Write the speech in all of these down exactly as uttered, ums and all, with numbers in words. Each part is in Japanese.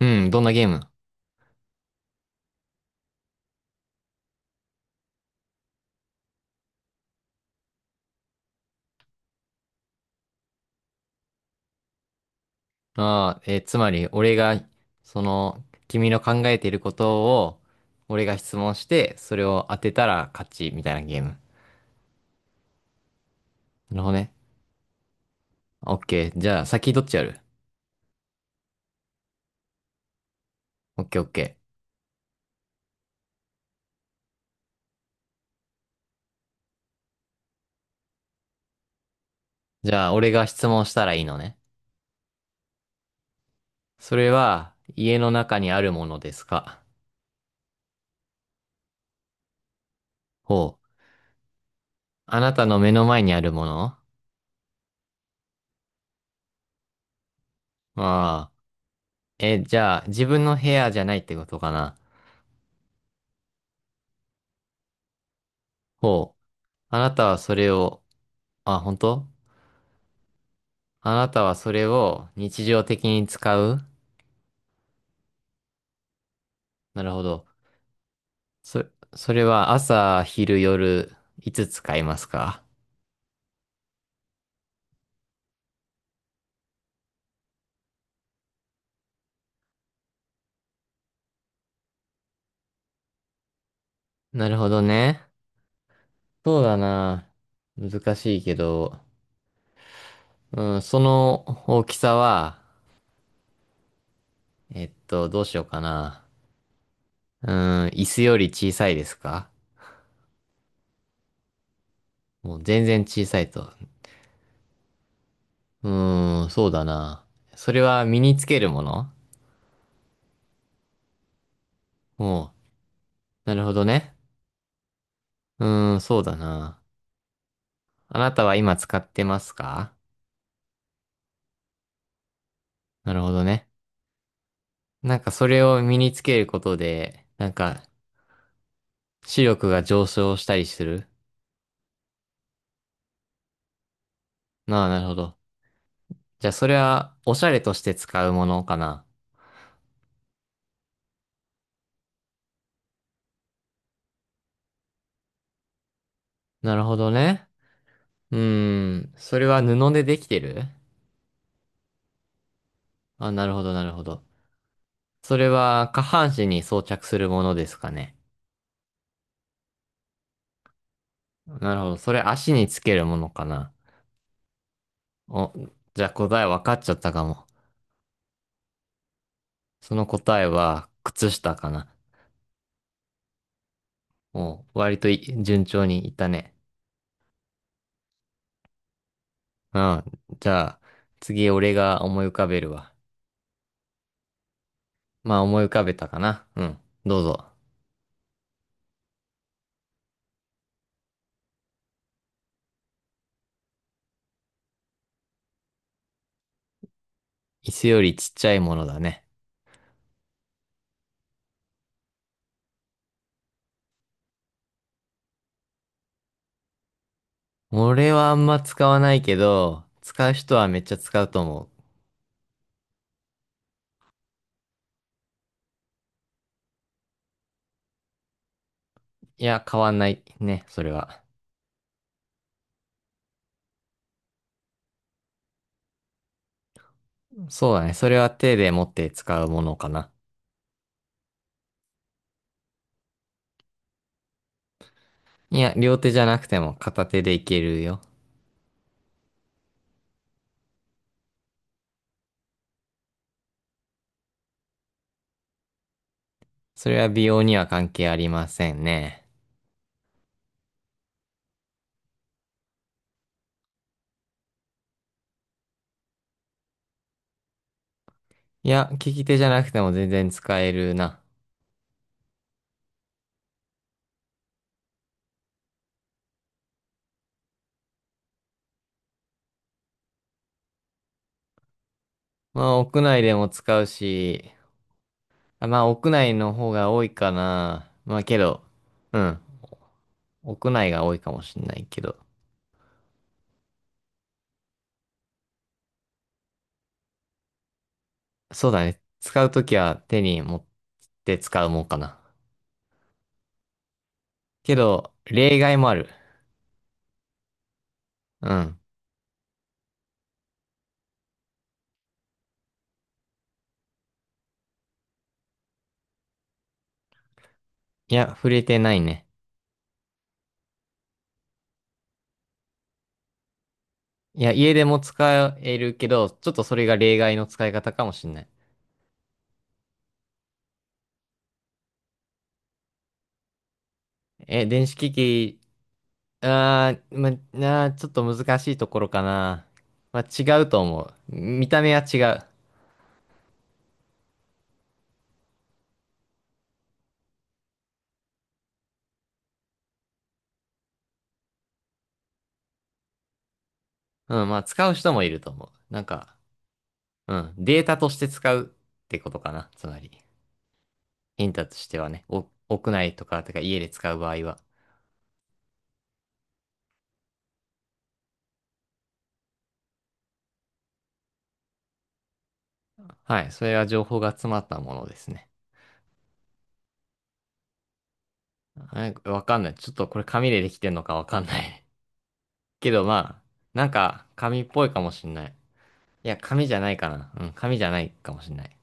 うん、どんなゲーム？ああー、えーつまり、俺が、その、君の考えていることを、俺が質問して、それを当てたら勝ち、みたいなゲーム。なるほどね。オッケー。じゃあ、先どっちやる？オッケーオッケー。じゃあ、俺が質問したらいいのね。それは、家の中にあるものですか？ほう。あなたの目の前にあるもの？ああ。え、じゃあ、自分の部屋じゃないってことかな？ほう。あなたはそれを、あ、本当？あなたはそれを日常的に使う？なるほど。そ、それは朝、昼、夜、いつ使いますか？なるほどね。そうだな。難しいけど、うん、その大きさは、えっと、どうしようかな。うん、椅子より小さいですか？もう全然小さいと。うん、そうだな。それは身につけるもの？もう、なるほどね。うん、そうだな。あなたは今使ってますか？なるほどね。なんかそれを身につけることで、なんか視力が上昇したりする？なあ、なるほど。じゃあそれはおしゃれとして使うものかな。なるほどね。うーん。それは布でできてる？あ、なるほど、なるほど。それは下半身に装着するものですかね。なるほど。それ足につけるものかな。お、じゃあ答え分かっちゃったかも。その答えは靴下かな。お、割とい順調にいったね。うん、じゃあ、次俺が思い浮かべるわ。まあ思い浮かべたかな。うん。どうぞ。椅子よりちっちゃいものだね。俺はあんま使わないけど、使う人はめっちゃ使うと思う。いや、変わんないね、それは。そうだね。それは手で持って使うものかな。いや、両手じゃなくても片手でいけるよ。それは美容には関係ありませんね。いや、利き手じゃなくても全然使えるな。まあ、屋内でも使うし、あまあ、屋内の方が多いかな。まあ、けど、うん。屋内が多いかもしんないけど。そうだね。使うときは手に持って使うもんかな。けど、例外もある。うん。いや、触れてないね。いや、家でも使えるけど、ちょっとそれが例外の使い方かもしんない。え、電子機器、あー、ま、なー、ちょっと難しいところかな。まあ、違うと思う。見た目は違う。うん、まあ、使う人もいると思う。なんか、うん。データとして使うってことかな。つまり。ヒントとしてはね、お、屋内とか、とか家で使う場合は。はい。それは情報が詰まったものですね。はい、わかんない。ちょっとこれ紙でできてんのかわかんない。けどまあ、なんか紙っぽいかもしんない。いや、紙じゃないかな。うん、紙じゃないかもしんない。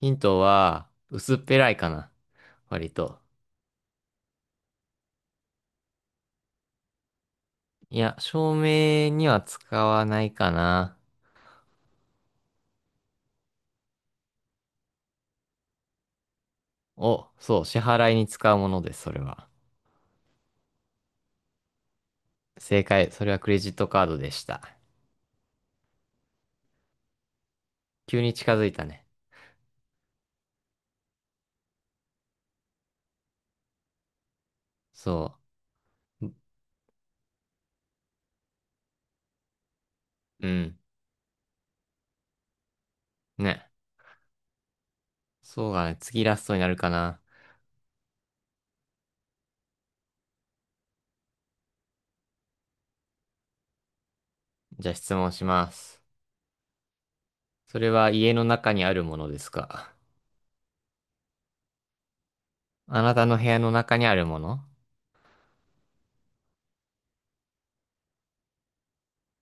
ヒントは、薄っぺらいかな。割と。いや、照明には使わないかな。お、そう、支払いに使うものです、それは。正解。それはクレジットカードでした。急に近づいたね。そう。うん。ね。そうだね。次ラストになるかな。じゃあ質問します。それは家の中にあるものですか？あなたの部屋の中にあるもの？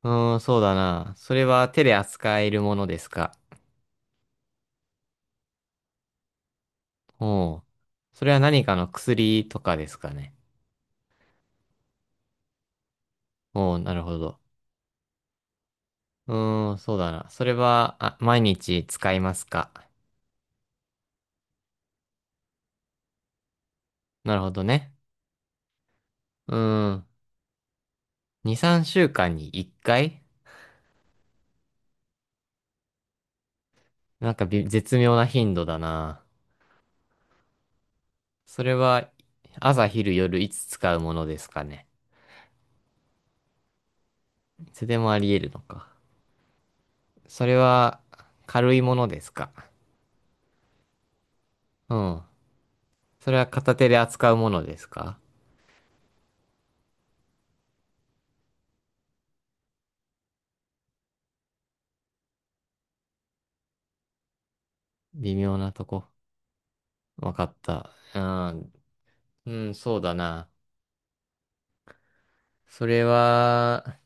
うーん、そうだな。それは手で扱えるものですか？おう。それは何かの薬とかですかね。おう、なるほど。うーん、そうだな。それは、あ、毎日使いますか？なるほどね。うーん。に、さんしゅうかんにいっかい。なんかび絶妙な頻度だな。それは朝昼夜いつ使うものですかね。いつでもあり得るのか。それは軽いものですか。うん。それは片手で扱うものですか。微妙なとこ。わかった。うん。うん、そうだな。それは、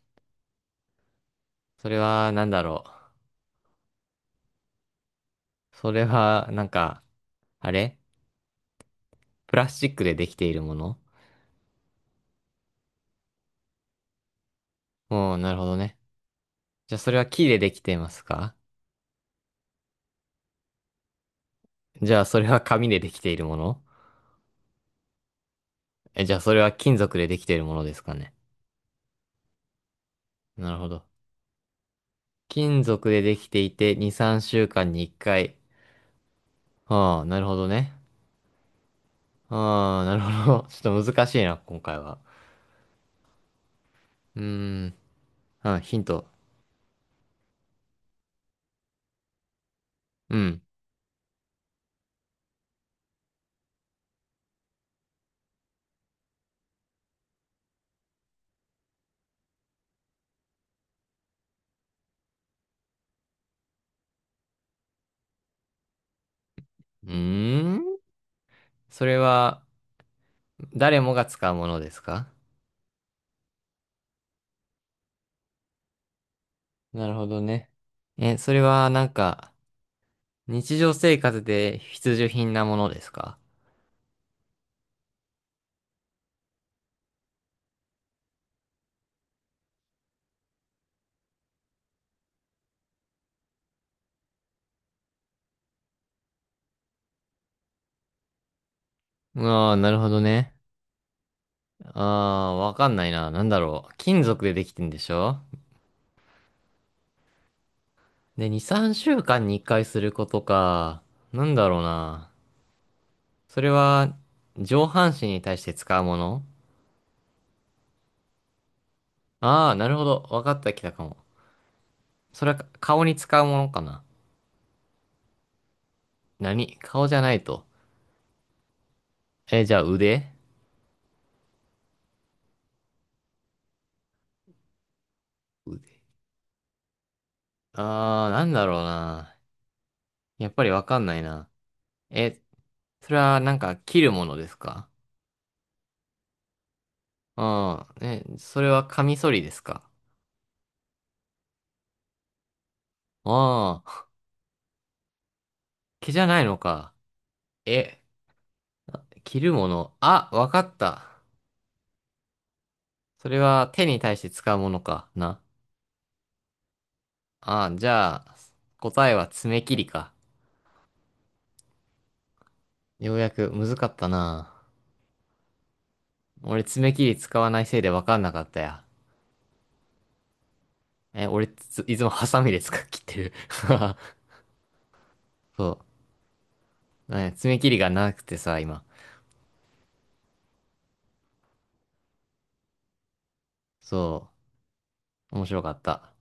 それはなんだろう。それはなんか、あれプラスチックでできているもの？うん、なるほどね。じゃあそれは木でできていますか？じゃあそれは紙でできているもの？え、じゃあそれは金属でできているものですかね。なるほど。金属でできていてに、さんしゅうかんにいっかい。はあ、なるほどね。ああ、なるほど。ちょっと難しいな、今回は。うーん。あ、ヒント。うん。うーん。それは誰もが使うものですか？なるほどね。え、それはなんか日常生活で必需品なものですか？ああー、なるほどね。ああ、わかんないな。なんだろう。金属でできてんでしょ？で、に、さんしゅうかんにいっかいすることか。なんだろうな。それは、上半身に対して使うもの？ああー、なるほど。わかったきたかも。それはか顔に使うものかな。何顔じゃないと。え、じゃあ腕？腕。ああ、なんだろうな。やっぱりわかんないな。え、それはなんか切るものですか？ああー、え、それはカミソリですか？ああー、毛じゃないのか。え、切るもの。あ、わかった。それは手に対して使うものかな。ああ、じゃあ、答えは爪切りか。ようやく、むずかったな。俺爪切り使わないせいで分かんなかったや。え、俺つ、いつもハサミで使っ切ってる。そう。ね、爪切りがなくてさ、今。そう。面白かった。